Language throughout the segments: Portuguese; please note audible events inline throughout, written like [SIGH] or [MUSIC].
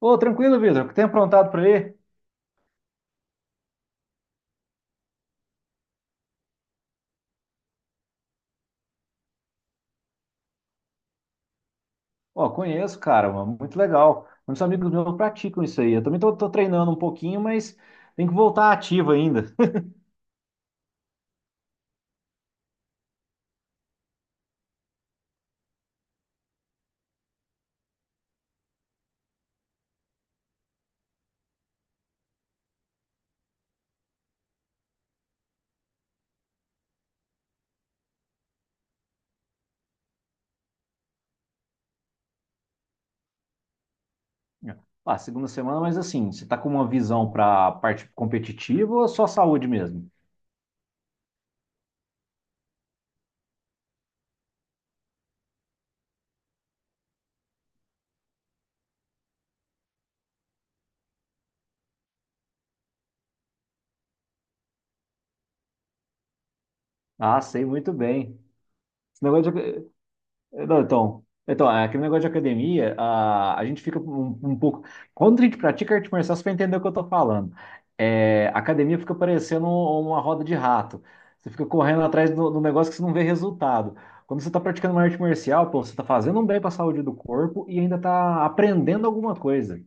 Ô, tranquilo, Vitor. O que tem aprontado por aí? Ó, conheço, cara, mano, muito legal. Muitos amigos meus praticam isso aí. Eu também tô treinando um pouquinho, mas tem que voltar ativo ainda. [LAUGHS] Ah, segunda semana, mas assim, você tá com uma visão pra parte competitiva ou só saúde mesmo? Ah, sei muito bem. Esse negócio de- É, não, então, é, aquele negócio de academia, a gente fica um pouco. Quando a gente pratica arte marcial, você vai entender o que eu tô falando. É, a academia fica parecendo uma roda de rato. Você fica correndo atrás do negócio que você não vê resultado. Quando você está praticando uma arte marcial, pô, você está fazendo um bem para a saúde do corpo e ainda está aprendendo alguma coisa.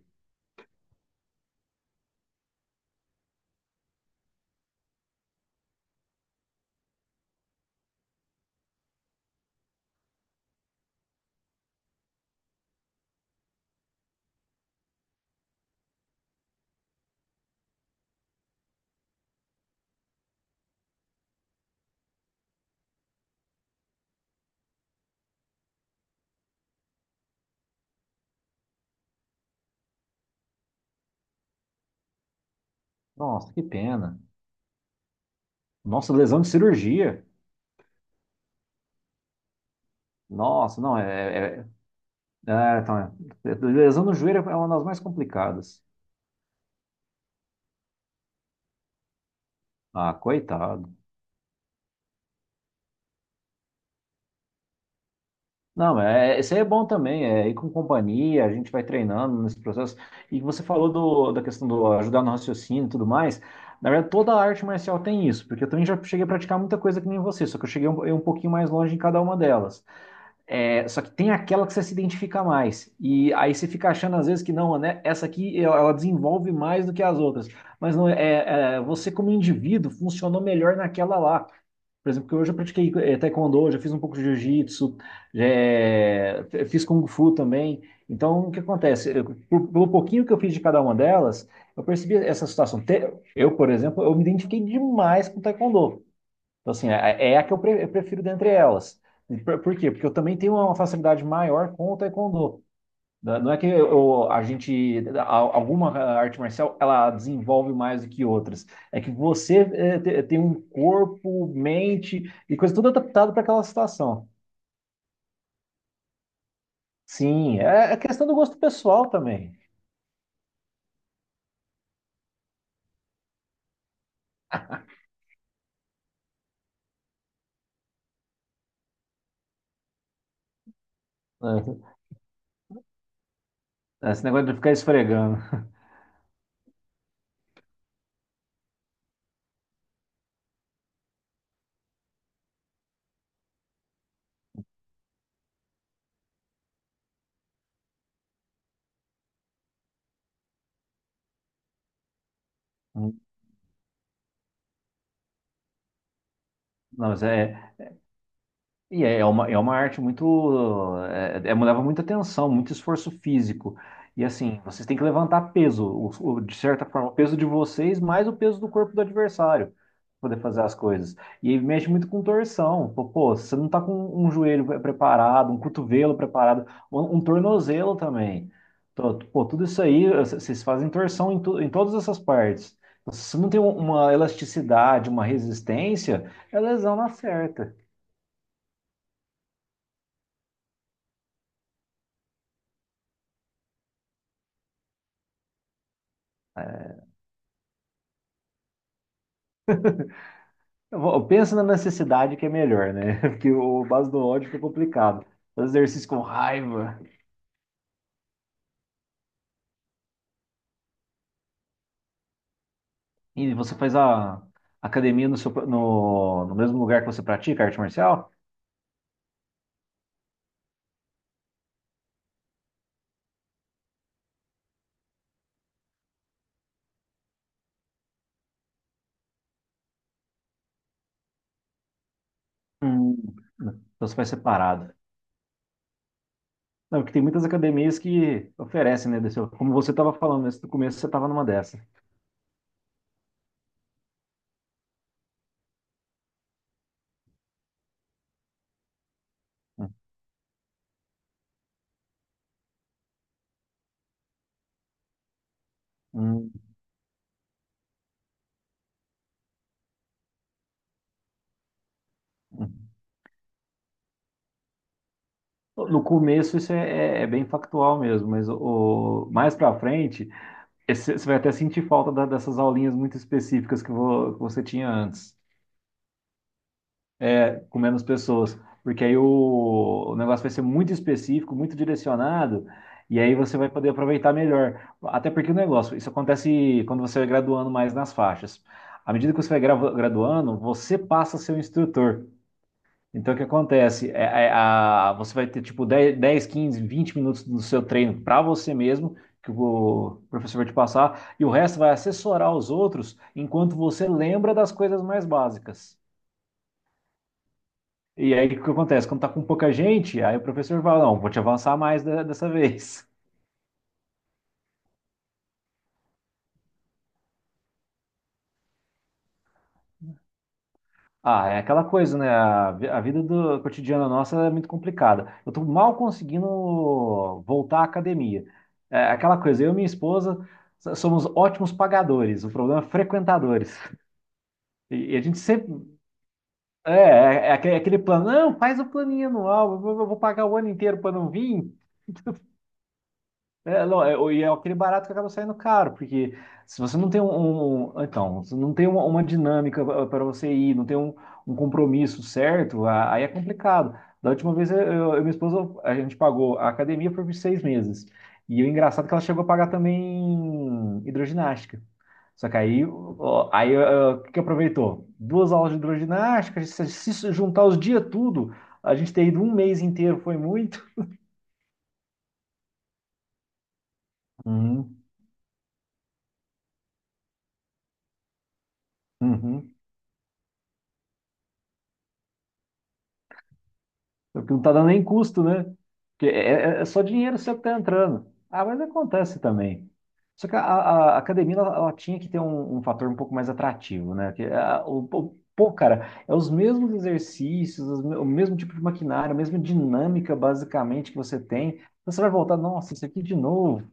Nossa, que pena. Nossa, lesão de cirurgia. Nossa, não, então, lesão no joelho é uma das mais complicadas. Ah, coitado. Não, isso aí é bom também, é ir com companhia, a gente vai treinando nesse processo. E você falou da questão do ajudar no raciocínio e tudo mais. Na verdade, toda a arte marcial tem isso, porque eu também já cheguei a praticar muita coisa que nem você, só que eu cheguei um, eu um pouquinho mais longe em cada uma delas. É, só que tem aquela que você se identifica mais. E aí você fica achando às vezes que não, né? Essa aqui ela desenvolve mais do que as outras. Mas não é, você como indivíduo funcionou melhor naquela lá. Por exemplo, que hoje eu pratiquei taekwondo, já fiz um pouco de jiu-jitsu, fiz kung fu também. Então, o que acontece? Eu, pelo pouquinho que eu fiz de cada uma delas, eu percebi essa situação. Eu, por exemplo, eu me identifiquei demais com taekwondo. Então, assim, é a que eu prefiro dentre elas. E por quê? Porque eu também tenho uma facilidade maior com o taekwondo. Né? Não é que a gente, alguma arte marcial, ela desenvolve mais do que outras. É que você tem um corpo, mente e coisa tudo adaptado para aquela situação. Sim, é questão do gosto pessoal também. Né? Esse negócio de ficar esfregando. [LAUGHS] Não, mas é uma arte muito. É, leva muita atenção, muito esforço físico. E assim, vocês têm que levantar peso, de certa forma, o peso de vocês mais o peso do corpo do adversário, para poder fazer as coisas. E mexe muito com torção. Pô, você não tá com um joelho preparado, um cotovelo preparado, um tornozelo também. Pô, tudo isso aí, vocês fazem torção em todas essas partes. Se você não tem uma elasticidade, uma resistência, é lesão na certa. Eu penso na necessidade que é melhor, né? [LAUGHS] Porque o base do ódio fica complicado. Faz exercício com raiva. E você faz a academia no, seu, no, no mesmo lugar que você pratica arte marcial? Hum. Então você faz separado. Não, porque tem muitas academias que oferecem, né? Desse, como você estava falando, nesse, no começo você estava numa dessa. Hum, hum. Hum. No começo isso é bem factual mesmo, mas mais para frente você vai até sentir falta dessas aulinhas muito específicas que que você tinha antes. É, com menos pessoas, porque aí o negócio vai ser muito específico, muito direcionado, e aí você vai poder aproveitar melhor. Até porque o negócio, isso acontece quando você vai graduando mais nas faixas. À medida que você vai graduando, você passa a ser um instrutor. Então, o que acontece? Você vai ter tipo 10, 10, 15, 20 minutos do seu treino para você mesmo, que o professor vai te passar, e o resto vai assessorar os outros enquanto você lembra das coisas mais básicas. E aí, o que acontece? Quando tá com pouca gente, aí o professor fala, não, vou te avançar mais dessa [LAUGHS] vez. Ah, é aquela coisa, né? A vida cotidiana nossa é muito complicada. Eu tô mal conseguindo voltar à academia. É aquela coisa, eu e minha esposa somos ótimos pagadores, o problema é frequentadores. E a gente sempre... É, aquele plano, não, faz o planinho anual, eu vou pagar o ano inteiro para não vir. É, não, é, e é aquele barato que acaba saindo caro, porque se você não tem então, se não tem uma dinâmica para você ir, não tem um compromisso certo, aí é complicado. Da última vez eu e minha esposa, a gente pagou a academia por 6 meses. E o engraçado é que ela chegou a pagar também hidroginástica. Só que aí, o que que aproveitou? Duas aulas de hidroginástica, se juntar os dias tudo, a gente ter ido um mês inteiro foi muito. Uhum, uhum. Porque não tá dando nem custo, né? Porque é só dinheiro seu que tá entrando. Ah, mas acontece também. Só que a academia, ela tinha que ter um fator um pouco mais atrativo, né? Que, pô, cara, é os mesmos exercícios, o mesmo tipo de maquinário, a mesma dinâmica, basicamente, que você tem. Você vai voltar, nossa, isso aqui de novo.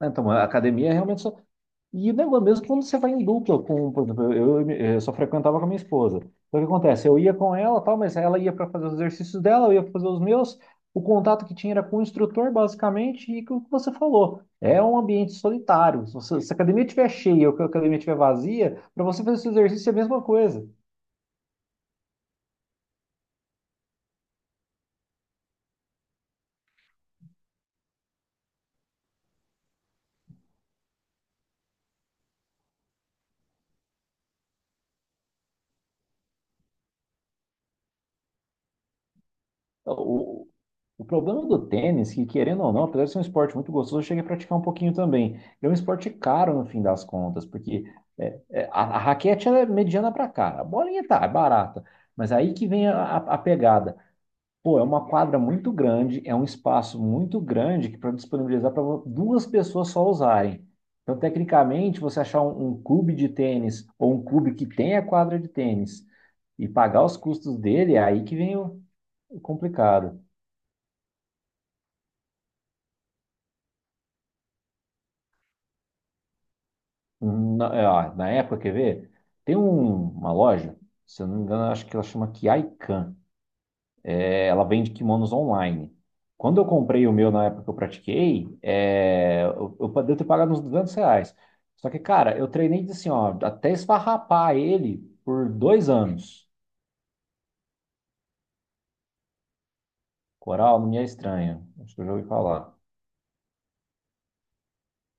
Né? Então, a academia é realmente só... E o negócio, mesmo é quando você vai em dupla, com, por exemplo, eu só frequentava com a minha esposa. Então, o que acontece? Eu ia com ela, tal, mas ela ia para fazer os exercícios dela, eu ia pra fazer os meus. O contato que tinha era com o instrutor, basicamente, e com o que você falou. É um ambiente solitário. Se a academia estiver cheia ou que a academia estiver vazia, para você fazer esse exercício é a mesma coisa. O problema do tênis, que querendo ou não, apesar de ser um esporte muito gostoso, eu cheguei a praticar um pouquinho também. É um esporte caro no fim das contas, porque a raquete ela é mediana para cá, a bolinha tá, é barata. Mas aí que vem a pegada. Pô, é uma quadra muito grande, é um espaço muito grande que para disponibilizar para duas pessoas só usarem. Então, tecnicamente, você achar um clube de tênis ou um clube que tenha quadra de tênis e pagar os custos dele, é aí que vem o complicado. Na época, quer ver? Tem uma loja, se eu não me engano, acho que ela chama Kiaikan. É, ela vende kimonos online. Quando eu comprei o meu na época que eu pratiquei, eu devo ter pago uns R$ 200. Só que, cara, eu treinei assim, ó, até esfarrapar ele por 2 anos. Coral não me é estranho. Acho que eu já ouvi falar.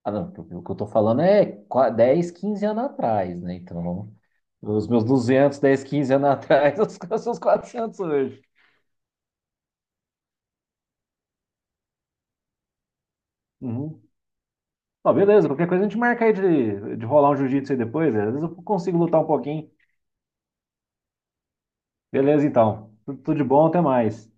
Ah, não, o que eu tô falando é 10, 15 anos atrás, né? Então, os meus 200 10 15 anos atrás, [LAUGHS] os seus 400 hoje. Uhum. Ó, beleza, qualquer coisa a gente marca aí de rolar um jiu-jitsu aí depois. Né? Às vezes eu consigo lutar um pouquinho. Beleza, então. Tudo, tudo de bom, até mais.